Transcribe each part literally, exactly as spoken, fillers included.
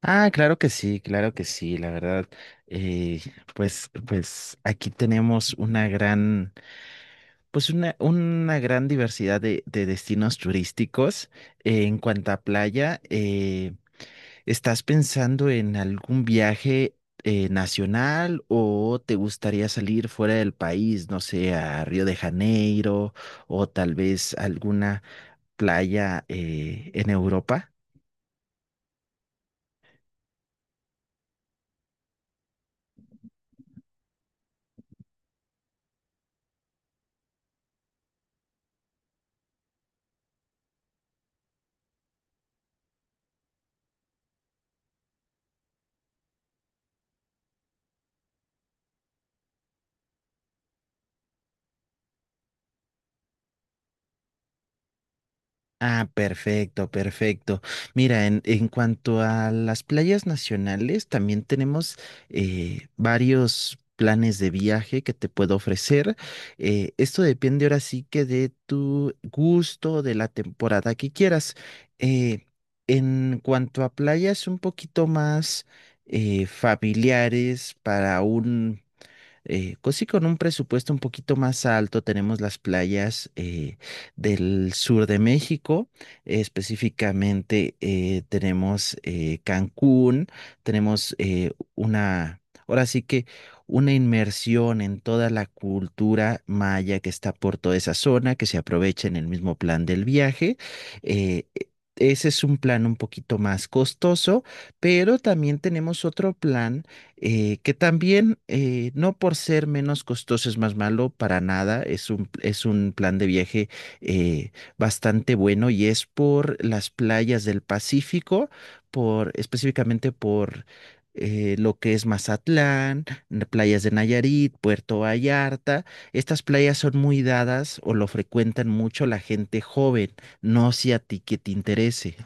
Ah, claro que sí, claro que sí, la verdad. eh, pues, pues aquí tenemos una gran, pues una, una gran diversidad de, de destinos turísticos. Eh, en cuanto a playa, eh, ¿estás pensando en algún viaje eh, nacional o te gustaría salir fuera del país, no sé, a Río de Janeiro o tal vez alguna playa eh, en Europa? Ah, perfecto, perfecto. Mira, en, en cuanto a las playas nacionales, también tenemos eh, varios planes de viaje que te puedo ofrecer. Eh, esto depende ahora sí que de tu gusto, de la temporada que quieras. Eh, en cuanto a playas un poquito más eh, familiares para eh, pues sí, con un presupuesto un poquito más alto tenemos las playas eh, del sur de México, eh, específicamente eh, tenemos eh, Cancún, tenemos eh, una, ahora sí que una inmersión en toda la cultura maya que está por toda esa zona, que se aprovecha en el mismo plan del viaje. Eh, e- Ese es un plan un poquito más costoso, pero también tenemos otro plan eh, que también eh, no por ser menos costoso es más malo, para nada, es un, es un plan de viaje eh, bastante bueno y es por las playas del Pacífico, por, específicamente por eh, lo que es Mazatlán, n- playas de Nayarit, Puerto Vallarta. Estas playas son muy dadas o lo frecuentan mucho la gente joven, no si a ti que te interese.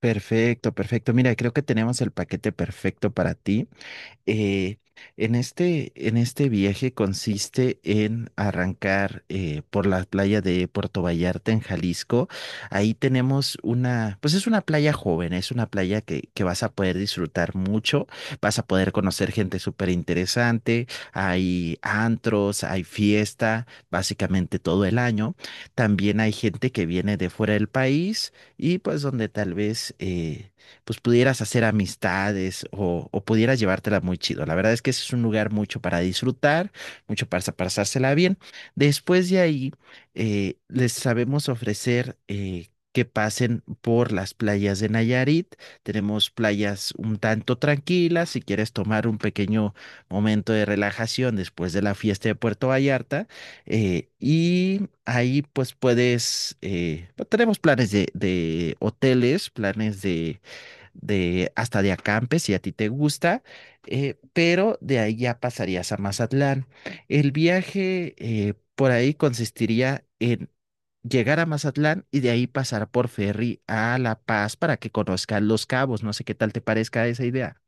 Perfecto, perfecto. Mira, creo que tenemos el paquete perfecto para ti. Eh, en este, en este viaje consiste en arrancar eh, por la playa de Puerto Vallarta en Jalisco. Ahí tenemos una, pues es una playa joven, es una playa que, que vas a poder disfrutar mucho, vas a poder conocer gente súper interesante, hay antros, hay fiesta, básicamente todo el año. También hay gente que viene de fuera del país y pues donde tal vez... eh, pues pudieras hacer amistades o, o pudieras llevártela muy chido. La verdad es que ese es un lugar mucho para disfrutar, mucho para sa- pasársela bien. Después de ahí, eh, les sabemos ofrecer... eh, que pasen por las playas de Nayarit. Tenemos playas un tanto tranquilas. Si quieres tomar un pequeño momento de relajación después de la fiesta de Puerto Vallarta, eh, y ahí pues puedes, eh, tenemos planes de, de hoteles, planes de de hasta de acampe, si a ti te gusta, eh, pero de ahí ya pasarías a Mazatlán. El viaje eh, por ahí consistiría en llegar a Mazatlán y de ahí pasar por ferry a La Paz para que conozcas Los Cabos. No sé qué tal te parezca esa idea.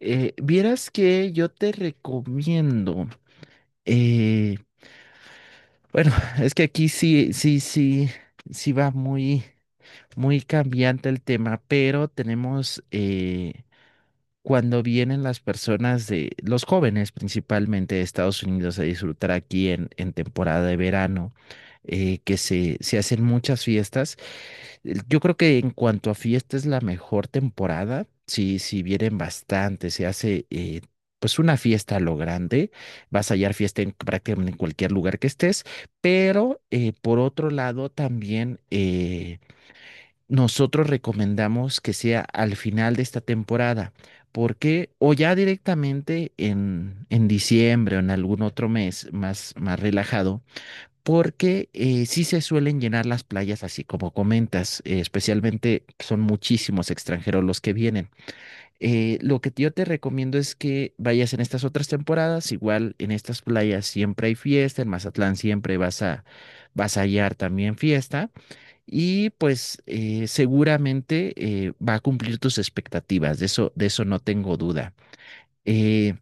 Eh, vieras que yo te recomiendo, eh, bueno, es que aquí sí, sí, sí, sí va muy, muy cambiante el tema, pero tenemos eh, cuando vienen las personas de, los jóvenes principalmente de Estados Unidos a disfrutar aquí en, en temporada de verano, eh, que se, se hacen muchas fiestas. El- Yo creo que en cuanto a fiesta es la mejor temporada, sí, sí vienen bastante, se hace eh, pues una fiesta a lo grande, vas a hallar fiesta en prácticamente en cualquier lugar que estés, pero eh, por otro lado también... eh, nosotros recomendamos que sea al final de esta temporada, porque o ya directamente en, en diciembre o en algún otro mes más, más relajado, porque eh, sí se suelen llenar las playas así como comentas, eh, especialmente son muchísimos extranjeros los que vienen. Eh, lo que yo te recomiendo es que vayas en estas otras temporadas, igual en estas playas siempre hay fiesta, en Mazatlán siempre vas a, vas a hallar también fiesta y pues eh, seguramente eh, va a cumplir tus expectativas, de eso, de eso no tengo duda. Eh,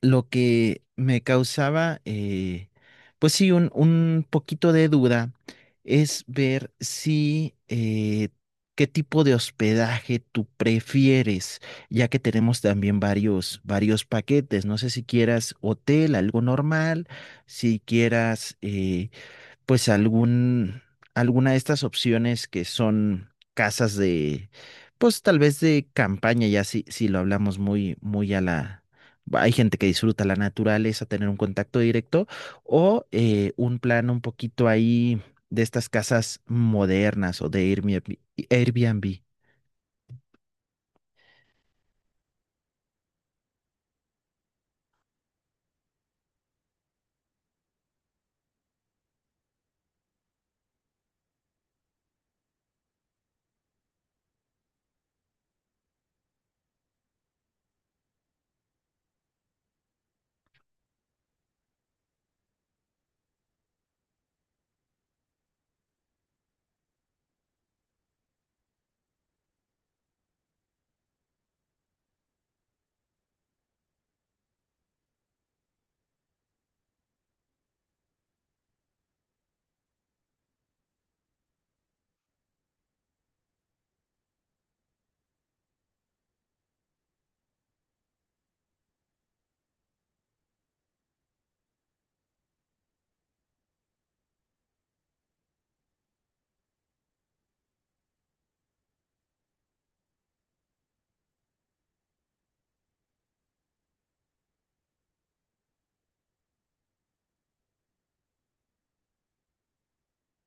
lo que me causaba, eh, pues sí, un, un poquito de duda es ver si eh, qué tipo de hospedaje tú prefieres, ya que tenemos también varios, varios paquetes. No sé si quieras hotel, algo normal, si quieras... eh, pues algún, alguna de estas opciones que son casas de, pues tal vez de campaña, ya si, si lo hablamos muy, muy a la... Hay gente que disfruta la naturaleza, tener un contacto directo, o eh, un plan un poquito ahí de estas casas modernas o de Airbnb. Airbnb.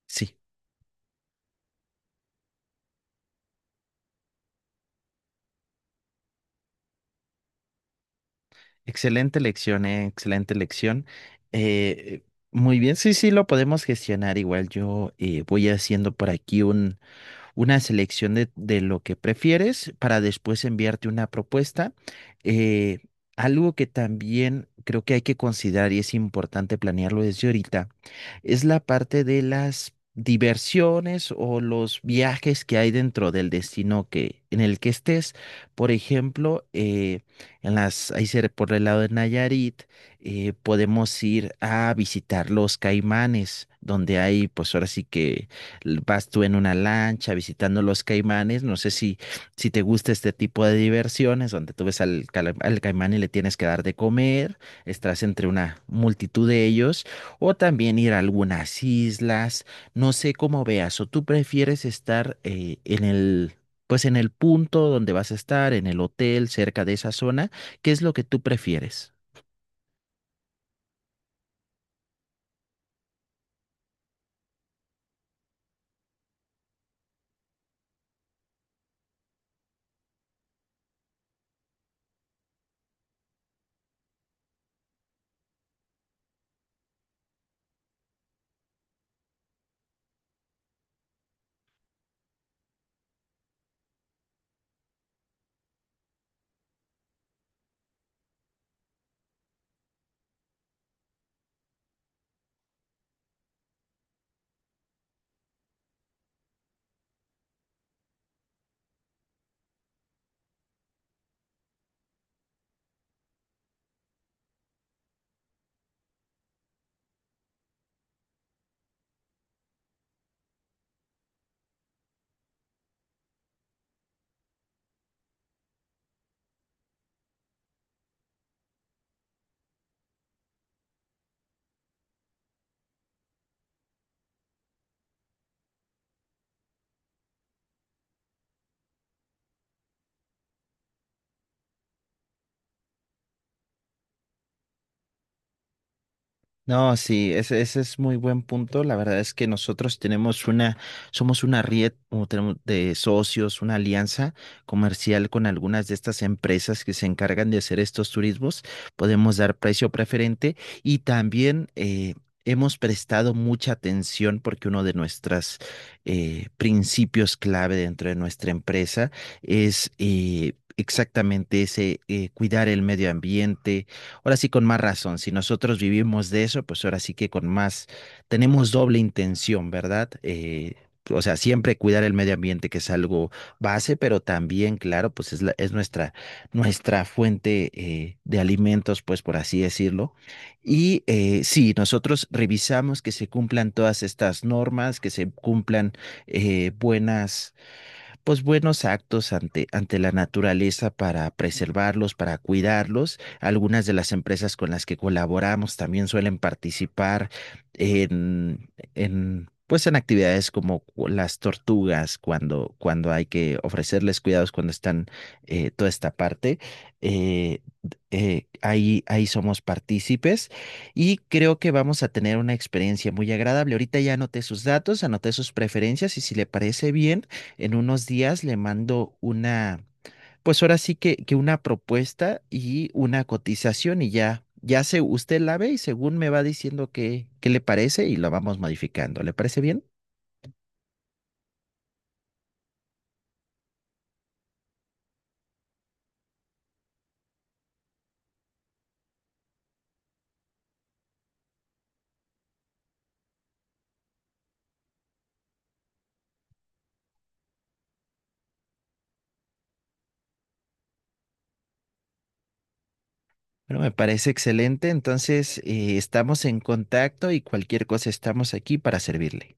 Sí, excelente lección, eh, excelente lección. Eh, muy bien, sí, sí, lo podemos gestionar igual. Yo eh, voy haciendo por aquí una selección de, de lo que prefieres para después enviarte una propuesta. Eh, algo que también creo que hay que considerar y es importante planearlo desde ahorita es la parte de las diversiones o los viajes que hay dentro del destino que en el que estés. Por ejemplo, eh, en las ahí cer- por el lado de Nayarit eh, podemos ir a visitar los Caimanes, donde hay, pues ahora sí que vas tú en una lancha visitando los caimanes, no sé si, si te gusta este tipo de diversiones donde tú ves al, cala- al caimán y le tienes que dar de comer, estás entre una multitud de ellos, o también ir a algunas islas, no sé cómo veas, o tú prefieres estar eh, en el... Pues en el punto donde vas a estar, en el hotel, cerca de esa zona, ¿qué es lo que tú prefieres? No, sí, ese, ese es muy buen punto. La verdad es que nosotros tenemos una, somos una red o tenemos de socios, una alianza comercial con algunas de estas empresas que se encargan de hacer estos turismos. Podemos dar precio preferente y también eh, hemos prestado mucha atención porque uno de nuestros principios clave dentro de nuestra empresa es... eh, exactamente ese, eh, cuidar el medio ambiente, ahora sí con más razón, si nosotros vivimos de eso, pues ahora sí que con más, tenemos doble intención, ¿verdad? Eh, o sea, siempre cuidar el medio ambiente, que es algo base, pero también, claro, pues es, la- es nuestra, nuestra fuente eh, de alimentos, pues por así decirlo. Y eh, sí, nosotros revisamos que se cumplan todas estas normas, que se cumplan eh, buenas pues buenos actos ante, ante la naturaleza para preservarlos, para cuidarlos. Algunas de las empresas con las que colaboramos también suelen participar en, en pues en actividades como cu- las tortugas, cuando, cuando hay que ofrecerles cuidados, cuando están eh, toda esta parte, eh, eh, ahí, ahí somos partícipes y creo que vamos a tener una experiencia muy agradable. Ahorita ya anoté sus datos, anoté sus preferencias y si le parece bien. En unos días le mando una, pues ahora sí que, que una propuesta y una cotización y ya, ya se, usted la ve y según me va diciendo qué, qué le parece y lo vamos modificando. ¿Le parece bien? Bueno, me parece excelente. Entonces, eh, estamos en contacto y cualquier cosa estamos aquí para servirle.